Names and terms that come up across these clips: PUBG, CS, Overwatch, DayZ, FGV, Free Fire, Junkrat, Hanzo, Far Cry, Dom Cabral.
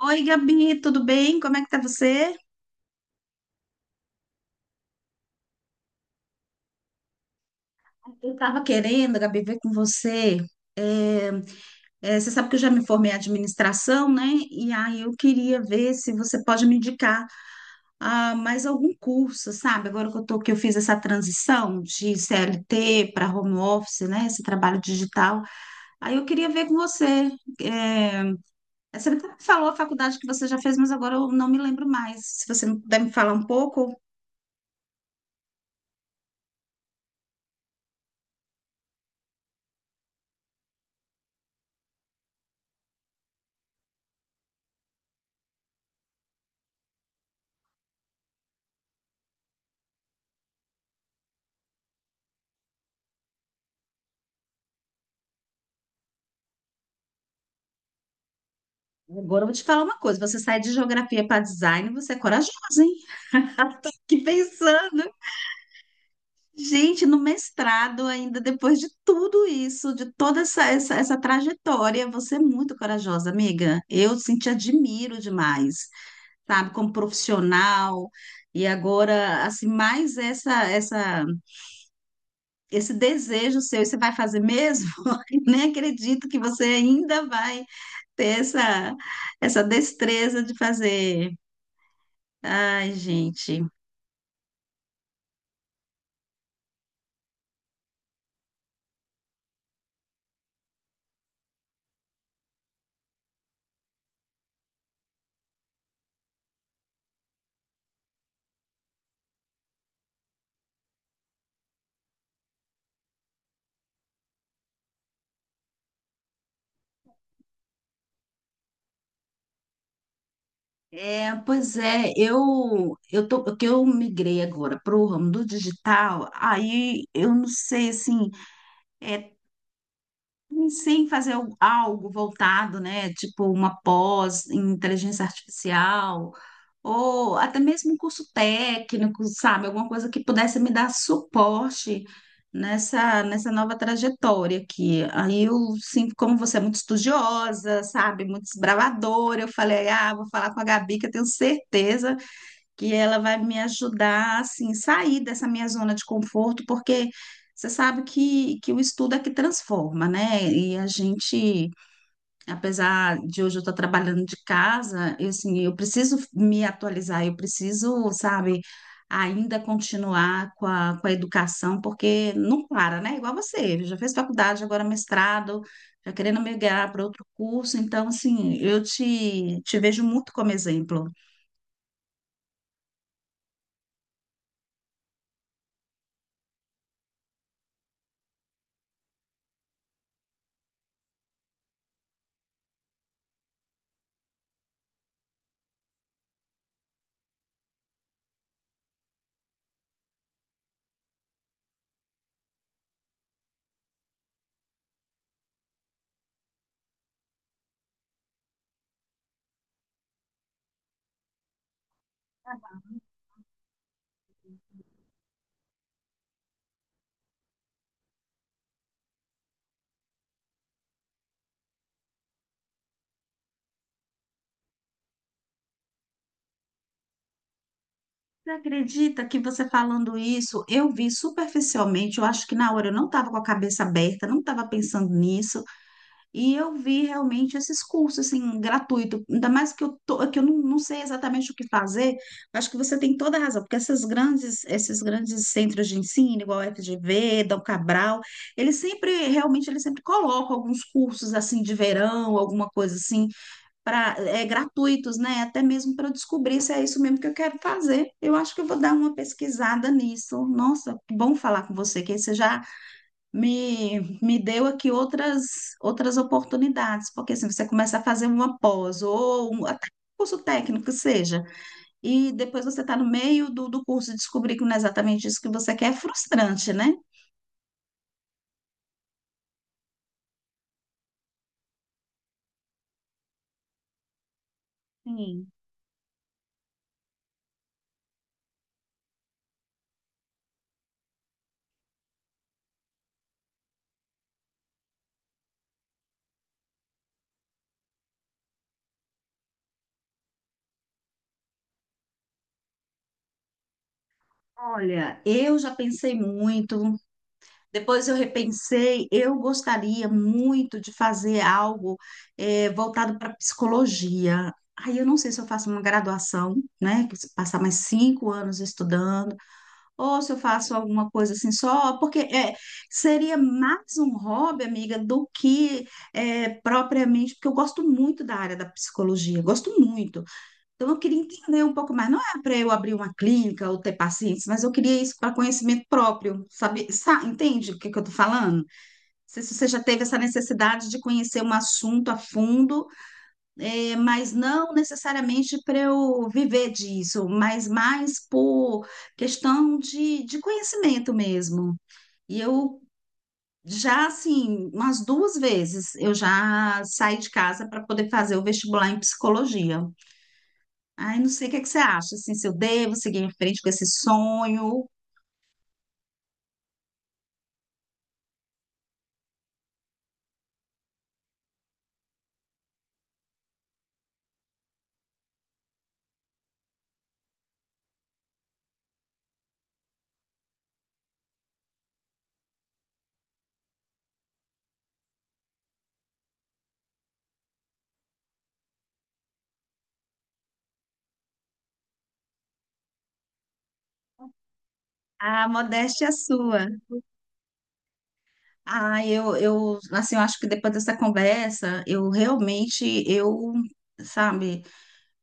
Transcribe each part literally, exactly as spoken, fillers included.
Oi, Gabi, tudo bem? Como é que tá você? Eu estava querendo, Gabi, ver com você. É, é, você sabe que eu já me formei em administração, né? E aí eu queria ver se você pode me indicar ah, mais algum curso, sabe? Agora que eu tô, que eu fiz essa transição de C L T para home office, né? Esse trabalho digital. Aí eu queria ver com você. É, você até falou a faculdade que você já fez, mas agora eu não me lembro mais. Se você puder me falar um pouco. Agora eu vou te falar uma coisa: você sai de geografia para design, você é corajosa, hein? Tô aqui pensando. Gente, no mestrado, ainda depois de tudo isso, de toda essa, essa, essa trajetória, você é muito corajosa, amiga. Eu sim, te admiro demais, sabe, como profissional. E agora, assim, mais essa, essa, esse desejo seu, e você vai fazer mesmo? Eu Nem acredito que você ainda vai ter essa, essa destreza de fazer. Ai, gente. É, pois é, eu eu tô que eu migrei agora para o ramo do digital. Aí eu não sei assim, é, Sem fazer al- algo voltado, né? Tipo uma pós em inteligência artificial, ou até mesmo um curso técnico, sabe? Alguma coisa que pudesse me dar suporte nessa, nessa nova trajetória aqui. Aí eu, sim, como você é muito estudiosa, sabe? Muito desbravadora, eu falei, ah, vou falar com a Gabi, que eu tenho certeza que ela vai me ajudar assim sair dessa minha zona de conforto, porque você sabe que, que o estudo é que transforma, né? E a gente, apesar de hoje eu estar trabalhando de casa, eu, assim, eu preciso me atualizar, eu preciso, sabe, ainda continuar com a, com a educação, porque não para, né? Igual você, já fez faculdade, agora mestrado, já querendo migrar para outro curso, então, assim, eu te, te vejo muito como exemplo. Você acredita que você falando isso, eu vi superficialmente, eu acho que na hora eu não estava com a cabeça aberta, não estava pensando nisso, e eu vi realmente esses cursos assim, gratuito, ainda mais que eu, tô, que eu não, não sei exatamente o que fazer, acho que você tem toda a razão, porque essas grandes, esses grandes centros de ensino, igual a F G V, Dom Cabral, eles sempre, realmente, eles sempre colocam alguns cursos assim de verão, alguma coisa assim, pra, é, gratuitos, né? Até mesmo para descobrir se é isso mesmo que eu quero fazer. Eu acho que eu vou dar uma pesquisada nisso. Nossa, que bom falar com você, que aí você já me, me deu aqui outras, outras oportunidades, porque assim, você começa a fazer uma pós ou um, até um curso técnico que seja, e depois você está no meio do, do curso e descobrir que não é exatamente isso que você quer, é frustrante, né? Sim. Olha, eu já pensei muito. Depois eu repensei, eu gostaria muito de fazer algo eh, voltado para psicologia. Aí eu não sei se eu faço uma graduação, né, que se passar mais cinco anos estudando, ou se eu faço alguma coisa assim só, porque eh, seria mais um hobby, amiga, do que eh, propriamente, porque eu gosto muito da área da psicologia, gosto muito. Então, eu queria entender um pouco mais. Não é para eu abrir uma clínica ou ter pacientes, mas eu queria isso para conhecimento próprio. Sabe, sa- entende o que que eu estou falando? Não sei se você já teve essa necessidade de conhecer um assunto a fundo, eh, mas não necessariamente para eu viver disso, mas mais por questão de, de conhecimento mesmo. E eu já, assim, umas duas vezes eu já saí de casa para poder fazer o vestibular em psicologia. Ai, não sei o que é que você acha, assim, se eu devo seguir em frente com esse sonho. A modéstia é sua. Ah, eu, eu, assim, eu acho que depois dessa conversa, eu realmente, eu, sabe,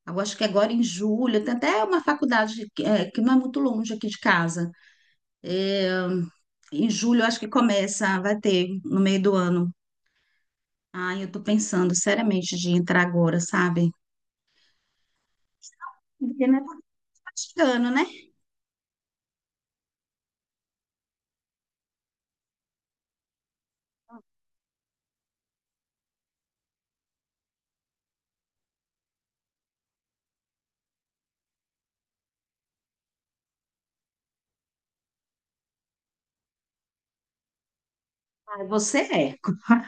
eu acho que agora em julho, tem até uma faculdade que, é, que não é muito longe aqui de casa. Em julho, eu acho que começa, vai ter, no meio do ano. Ai, eu tô pensando seriamente de entrar agora, sabe? Porque, né, tá chegando, né? É, Você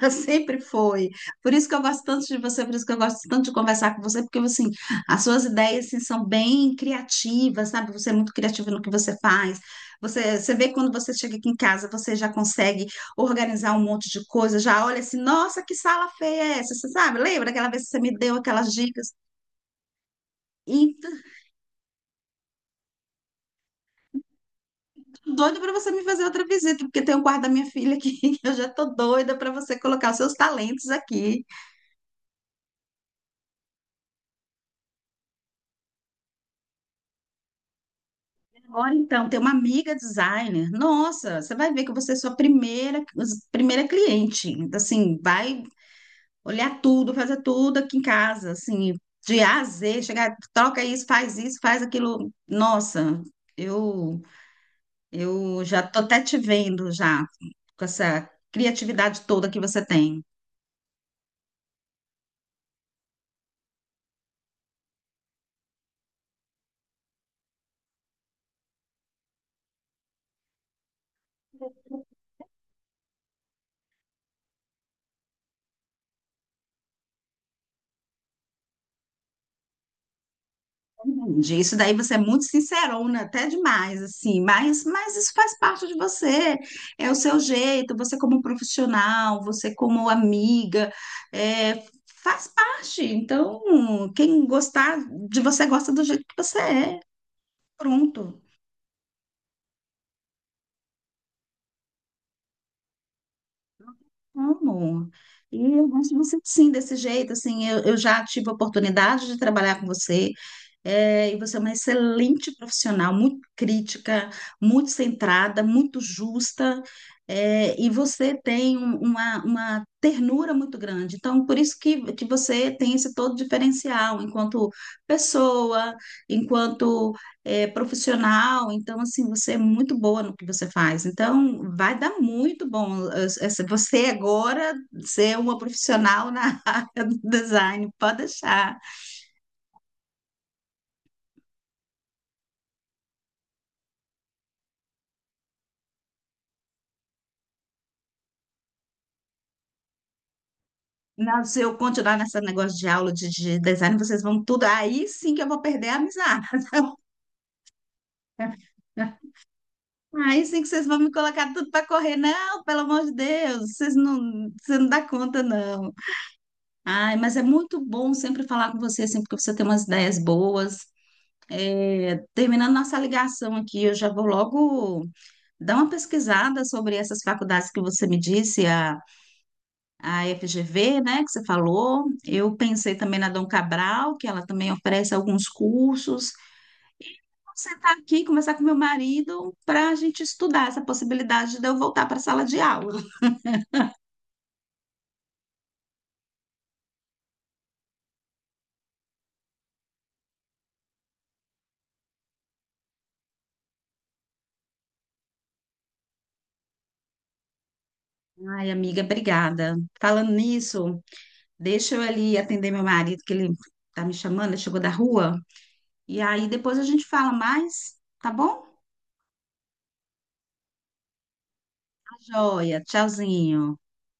é, sempre foi. Por isso que eu gosto tanto de você, por isso que eu gosto tanto de conversar com você, porque assim, as suas ideias assim, são bem criativas, sabe? Você é muito criativa no que você faz. Você, você vê quando você chega aqui em casa, você já consegue organizar um monte de coisa, já olha assim, nossa, que sala feia é essa? Você sabe? Lembra aquela vez que você me deu aquelas dicas? E tô doida para você me fazer outra visita, porque tem o quarto da minha filha aqui, que eu já tô doida para você colocar os seus talentos aqui. Olha, então, tem uma amiga designer. Nossa, você vai ver que você é sua primeira, primeira cliente. Então, Assim, vai olhar tudo, fazer tudo aqui em casa, assim, de A a Z, chegar, troca isso, faz isso, faz aquilo. Nossa, eu eu já tô até te vendo já com essa criatividade toda que você tem. Entendi. Isso daí você é muito sincerona, até demais, assim, mas, mas isso faz parte de você, é o seu jeito, você como profissional, você como amiga, é, faz parte. Então, quem gostar de você gosta do jeito que você é, pronto. Amo. E eu acho você sim, desse jeito, assim, eu, eu já tive a oportunidade de trabalhar com você, é, e você é uma excelente profissional, muito crítica, muito centrada, muito justa, é, e você tem um- uma, uma ternura muito grande. Então, por isso que, que você tem esse todo diferencial enquanto pessoa, enquanto é, profissional, então assim, você é muito boa no que você faz. Então, vai dar muito bom. As- essa- Você agora ser uma profissional na área do design, pode deixar. Não, se eu continuar nesse negócio de aula de, de design, vocês vão tudo. Aí sim que eu vou perder a amizade. Aí sim que vocês vão me colocar tudo para correr. Não, pelo amor de Deus, vocês não, você não dá conta, não. Ai, mas é muito bom sempre falar com você, sempre que você tem umas ideias boas. É, terminando nossa ligação aqui, eu já vou logo dar uma pesquisada sobre essas faculdades que você me disse, a, a F G V, né, que você falou. Eu pensei também na Dom Cabral, que ela também oferece alguns cursos. Vou sentar aqui, conversar com meu marido para a gente estudar essa possibilidade de eu voltar para a sala de aula. Ai, amiga, obrigada. Falando nisso, deixa eu ali atender meu marido, que ele tá me chamando, ele chegou da rua. E aí depois a gente fala mais, tá bom? Joia, tchauzinho.